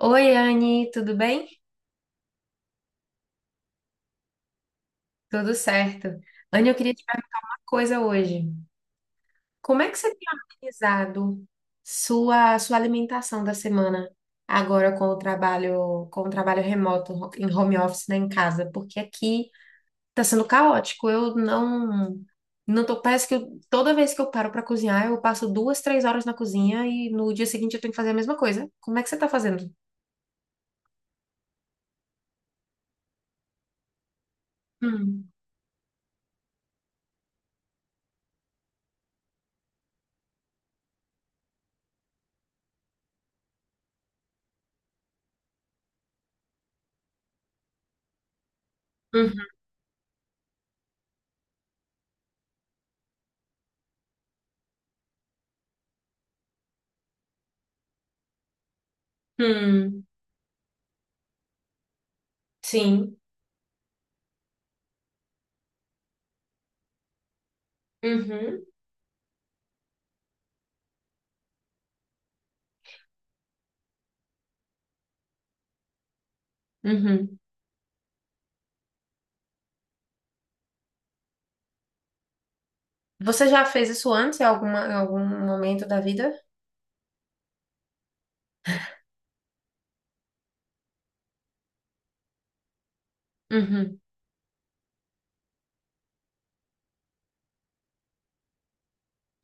Oi, Anne, tudo bem? Tudo certo. Anne, eu queria te perguntar uma coisa hoje. Como é que você tem organizado sua alimentação da semana agora com o trabalho remoto em home office, né, em casa? Porque aqui tá sendo caótico. Eu não tô, parece que toda vez que eu paro para cozinhar, eu passo duas, três horas na cozinha e no dia seguinte eu tenho que fazer a mesma coisa. Como é que você tá fazendo? Hum. Uhum. Hum. Sim. Uhum. Uhum. Você já fez isso antes, em alguma, em algum momento da vida? Uhum.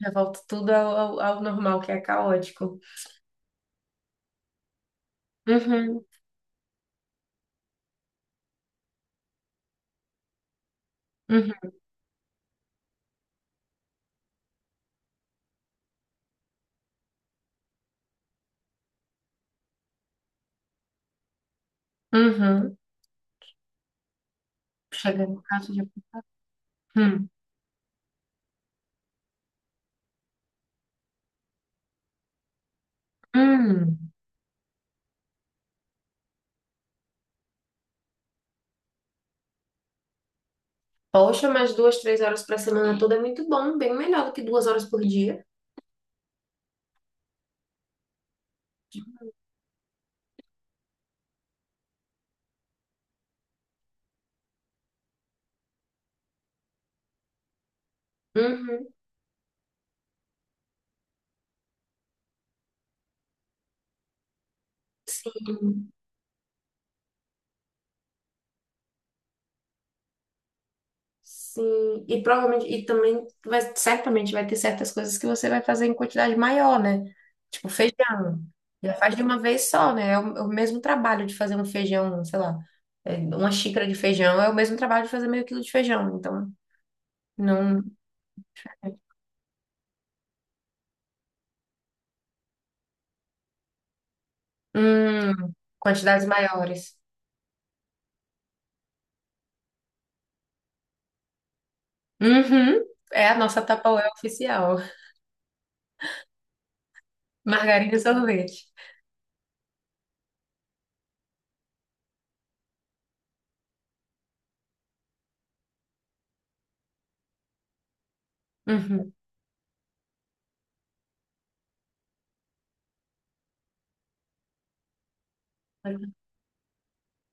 Já volta tudo ao normal, que é caótico. Uhum. Uhum. Uhum. Chega no caso de... Hum. Hum. Poxa, mas duas, três horas para semana toda é muito bom, bem melhor do que duas horas por dia. Uhum. Sim. Sim, e provavelmente, e também vai, certamente vai ter certas coisas que você vai fazer em quantidade maior, né? Tipo feijão. Já faz de uma vez só, né? É o mesmo trabalho de fazer um feijão, sei lá, é, uma xícara de feijão, é o mesmo trabalho de fazer meio quilo de feijão. Então, não. Hum. Quantidades maiores. Uhum. É a nossa Tupperware oficial. Margarina e sorvete. Uhum.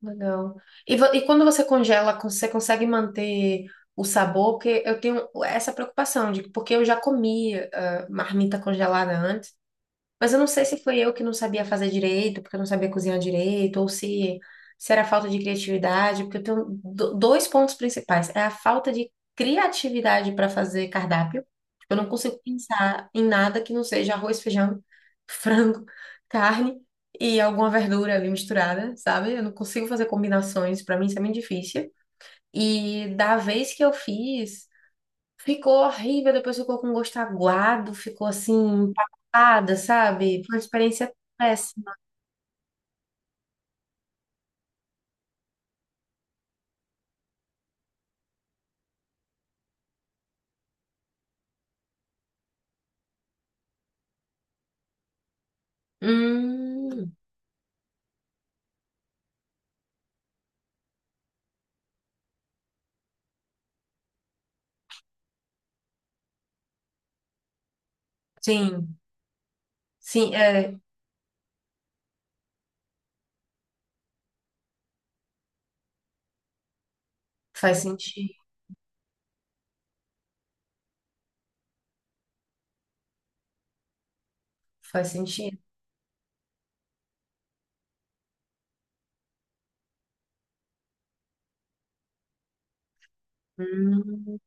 Legal. E, e quando você congela, você consegue manter o sabor? Porque eu tenho essa preocupação de porque eu já comi ah, marmita congelada antes. Mas eu não sei se foi eu que não sabia fazer direito, porque eu não sabia cozinhar direito, ou se era falta de criatividade, porque eu tenho dois pontos principais. É a falta de criatividade para fazer cardápio. Tipo, eu não consigo pensar em nada que não seja arroz, feijão, frango, carne e alguma verdura ali misturada, sabe? Eu não consigo fazer combinações, para mim isso é muito difícil. E da vez que eu fiz, ficou horrível, depois ficou com gosto aguado, ficou assim, empapada, sabe? Foi uma experiência péssima. Hum. Sim, sim, é, faz sentido, faz sentido. Hum.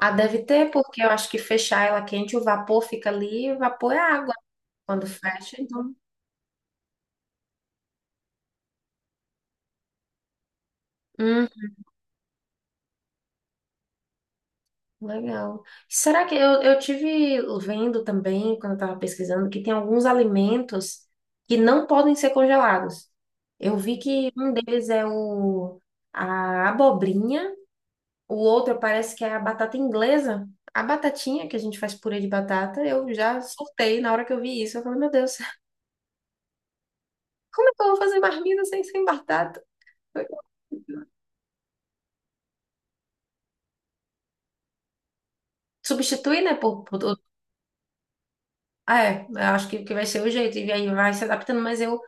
Ah, deve ter, porque eu acho que fechar ela quente, o vapor fica ali, o vapor é água quando fecha, então. Uhum. Legal. Será que eu tive vendo também, quando eu estava pesquisando, que tem alguns alimentos que não podem ser congelados. Eu vi que um deles é o, a abobrinha, o outro parece que é a batata inglesa. A batatinha, que a gente faz purê de batata, eu já surtei na hora que eu vi isso. Eu falei, meu Deus, como é que eu vou fazer marmita sem, sem batata? Substituir né, por... Ah, é, eu acho que vai ser o jeito. E aí vai se adaptando, mas eu,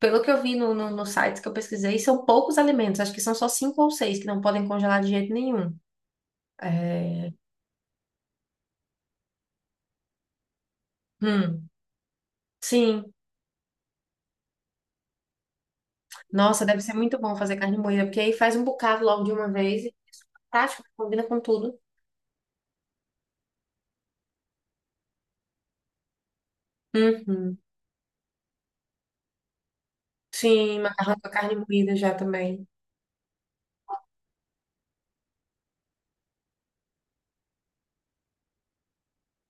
pelo que eu vi no, no, nos sites que eu pesquisei, são poucos alimentos. Acho que são só cinco ou seis que não podem congelar de jeito nenhum. É... Hum. Sim. Nossa, deve ser muito bom fazer carne moída, porque aí faz um bocado logo de uma vez e é super prático, combina com tudo. Uhum. Sim, macarrão com carne moída já também.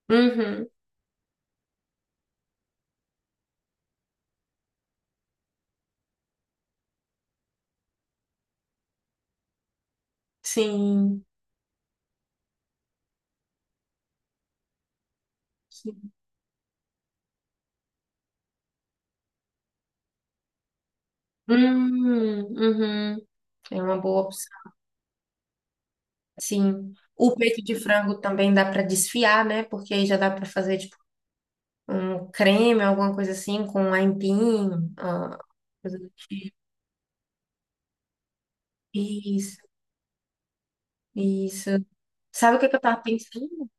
Uhum. Sim. Sim. Hum. Uhum. É uma boa opção. Sim. O peito de frango também dá para desfiar, né? Porque aí já dá para fazer tipo um creme, alguma coisa assim, com aipim, ah, coisa do tipo. Isso, isso. Sabe o que que eu tava pensando?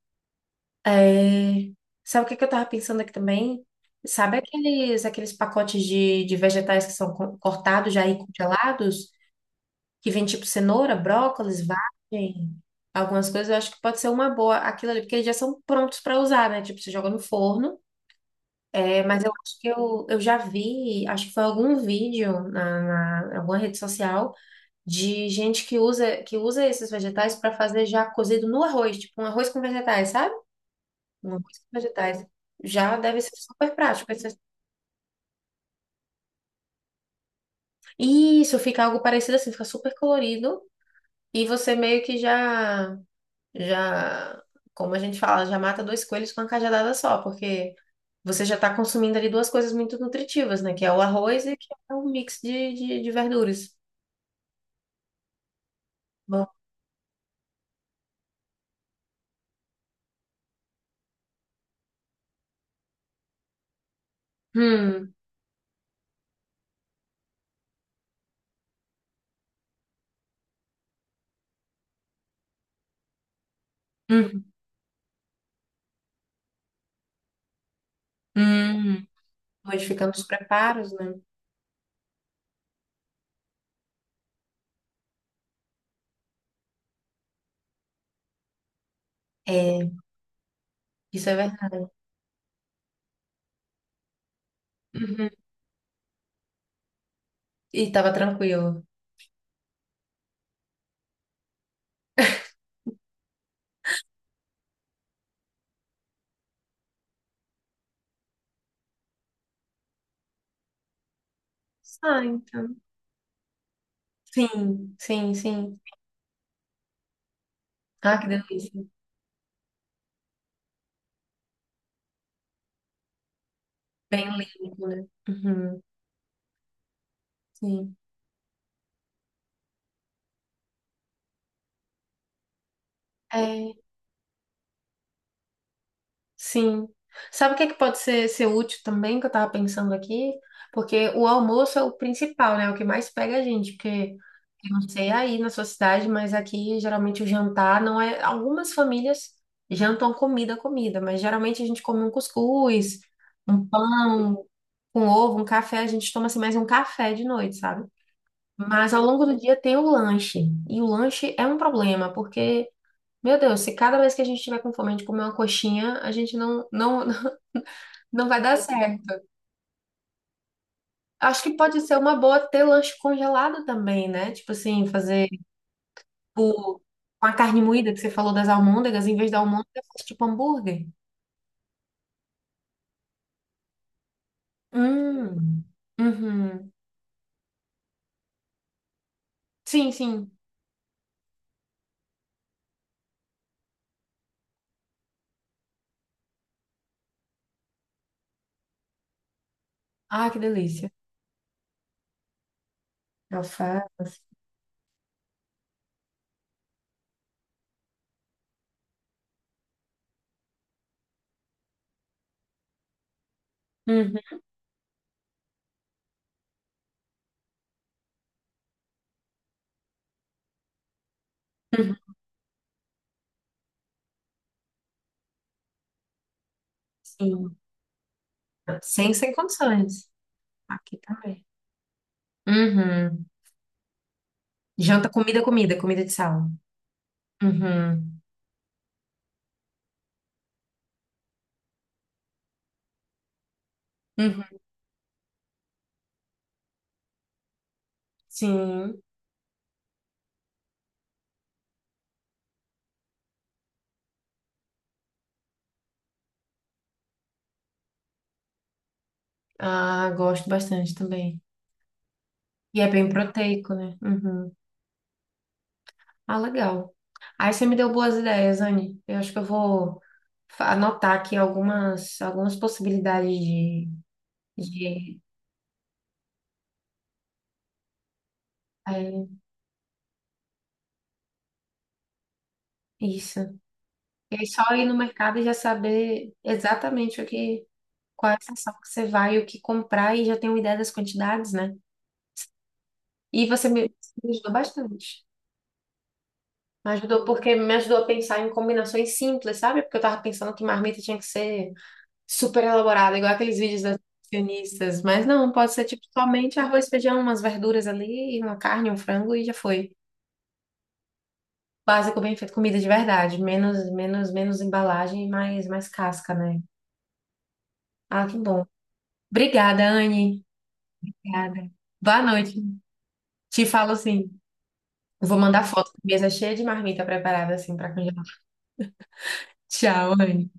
É, sabe o que que eu tava pensando aqui também? Sabe aqueles, aqueles pacotes de vegetais que são cortados já e congelados? Que vem tipo cenoura, brócolis, vagem, algumas coisas. Eu acho que pode ser uma boa aquilo ali, porque eles já são prontos para usar, né? Tipo, você joga no forno. É, mas eu acho que eu já vi, acho que foi algum vídeo na, na alguma rede social de gente que usa esses vegetais para fazer já cozido no arroz, tipo um arroz com vegetais, sabe? Um arroz com vegetais. Já deve ser super prático. Isso, fica algo parecido assim, fica super colorido e você meio que já já, como a gente fala, já mata dois coelhos com uma cajadada só, porque você já está consumindo ali duas coisas muito nutritivas, né? Que é o arroz e que é o mix de verduras. Bom. Hum. Hum. Hum. Modificando os preparos, né? É, isso é verdade. Uhum. E tava tranquilo. Ah, então. Sim, sim, sim. Ah, que delícia. Bem limpo, né? Uhum. Sim. É, sim. Sabe o que é que pode ser, ser útil também, que eu tava pensando aqui? Porque o almoço é o principal, né? É o que mais pega a gente, porque eu não sei aí na sua cidade, mas aqui geralmente o jantar não é. Algumas famílias jantam comida, comida, mas geralmente a gente come um cuscuz, um pão, com ovo, um café, a gente toma assim mais um café de noite, sabe? Mas ao longo do dia tem o lanche. E o lanche é um problema, porque, meu Deus, se cada vez que a gente tiver com fome de comer uma coxinha, a gente não, não, não vai dar certo. Acho que pode ser uma boa ter lanche congelado também, né? Tipo assim, fazer tipo, com a carne moída que você falou das almôndegas, em vez da almôndega, faz tipo hambúrguer. Hum. Uhum. Sim, sim. Ah, que delícia. Alface. Uhum. Uhum. Sim. Sem, sem condições. Aqui também. Uhum. Janta, comida, comida, comida de sal. Uhum. Uhum. Sim. Ah, gosto bastante também. E é bem proteico, né? Uhum. Ah, legal. Aí você me deu boas ideias, Anne. Eu acho que eu vou anotar aqui algumas, algumas possibilidades de, de é, isso. E aí só ir no mercado e já saber exatamente o que, qual é a estação que você vai, o que comprar e já ter uma ideia das quantidades, né? E você me ajudou bastante. Me ajudou porque me ajudou a pensar em combinações simples, sabe? Porque eu tava pensando que marmita tinha que ser super elaborada, igual aqueles vídeos das nutricionistas. Mas não, pode ser tipo somente arroz, feijão, umas verduras ali, uma carne, um frango e já foi. Básico, bem feito, comida de verdade. Menos, menos, menos embalagem e mais, mais casca, né? Ah, que bom. Obrigada, Anne. Obrigada. Boa noite. Te falo assim. Vou mandar foto. Mesa é cheia de marmita preparada assim para congelar. Tchau, Anne.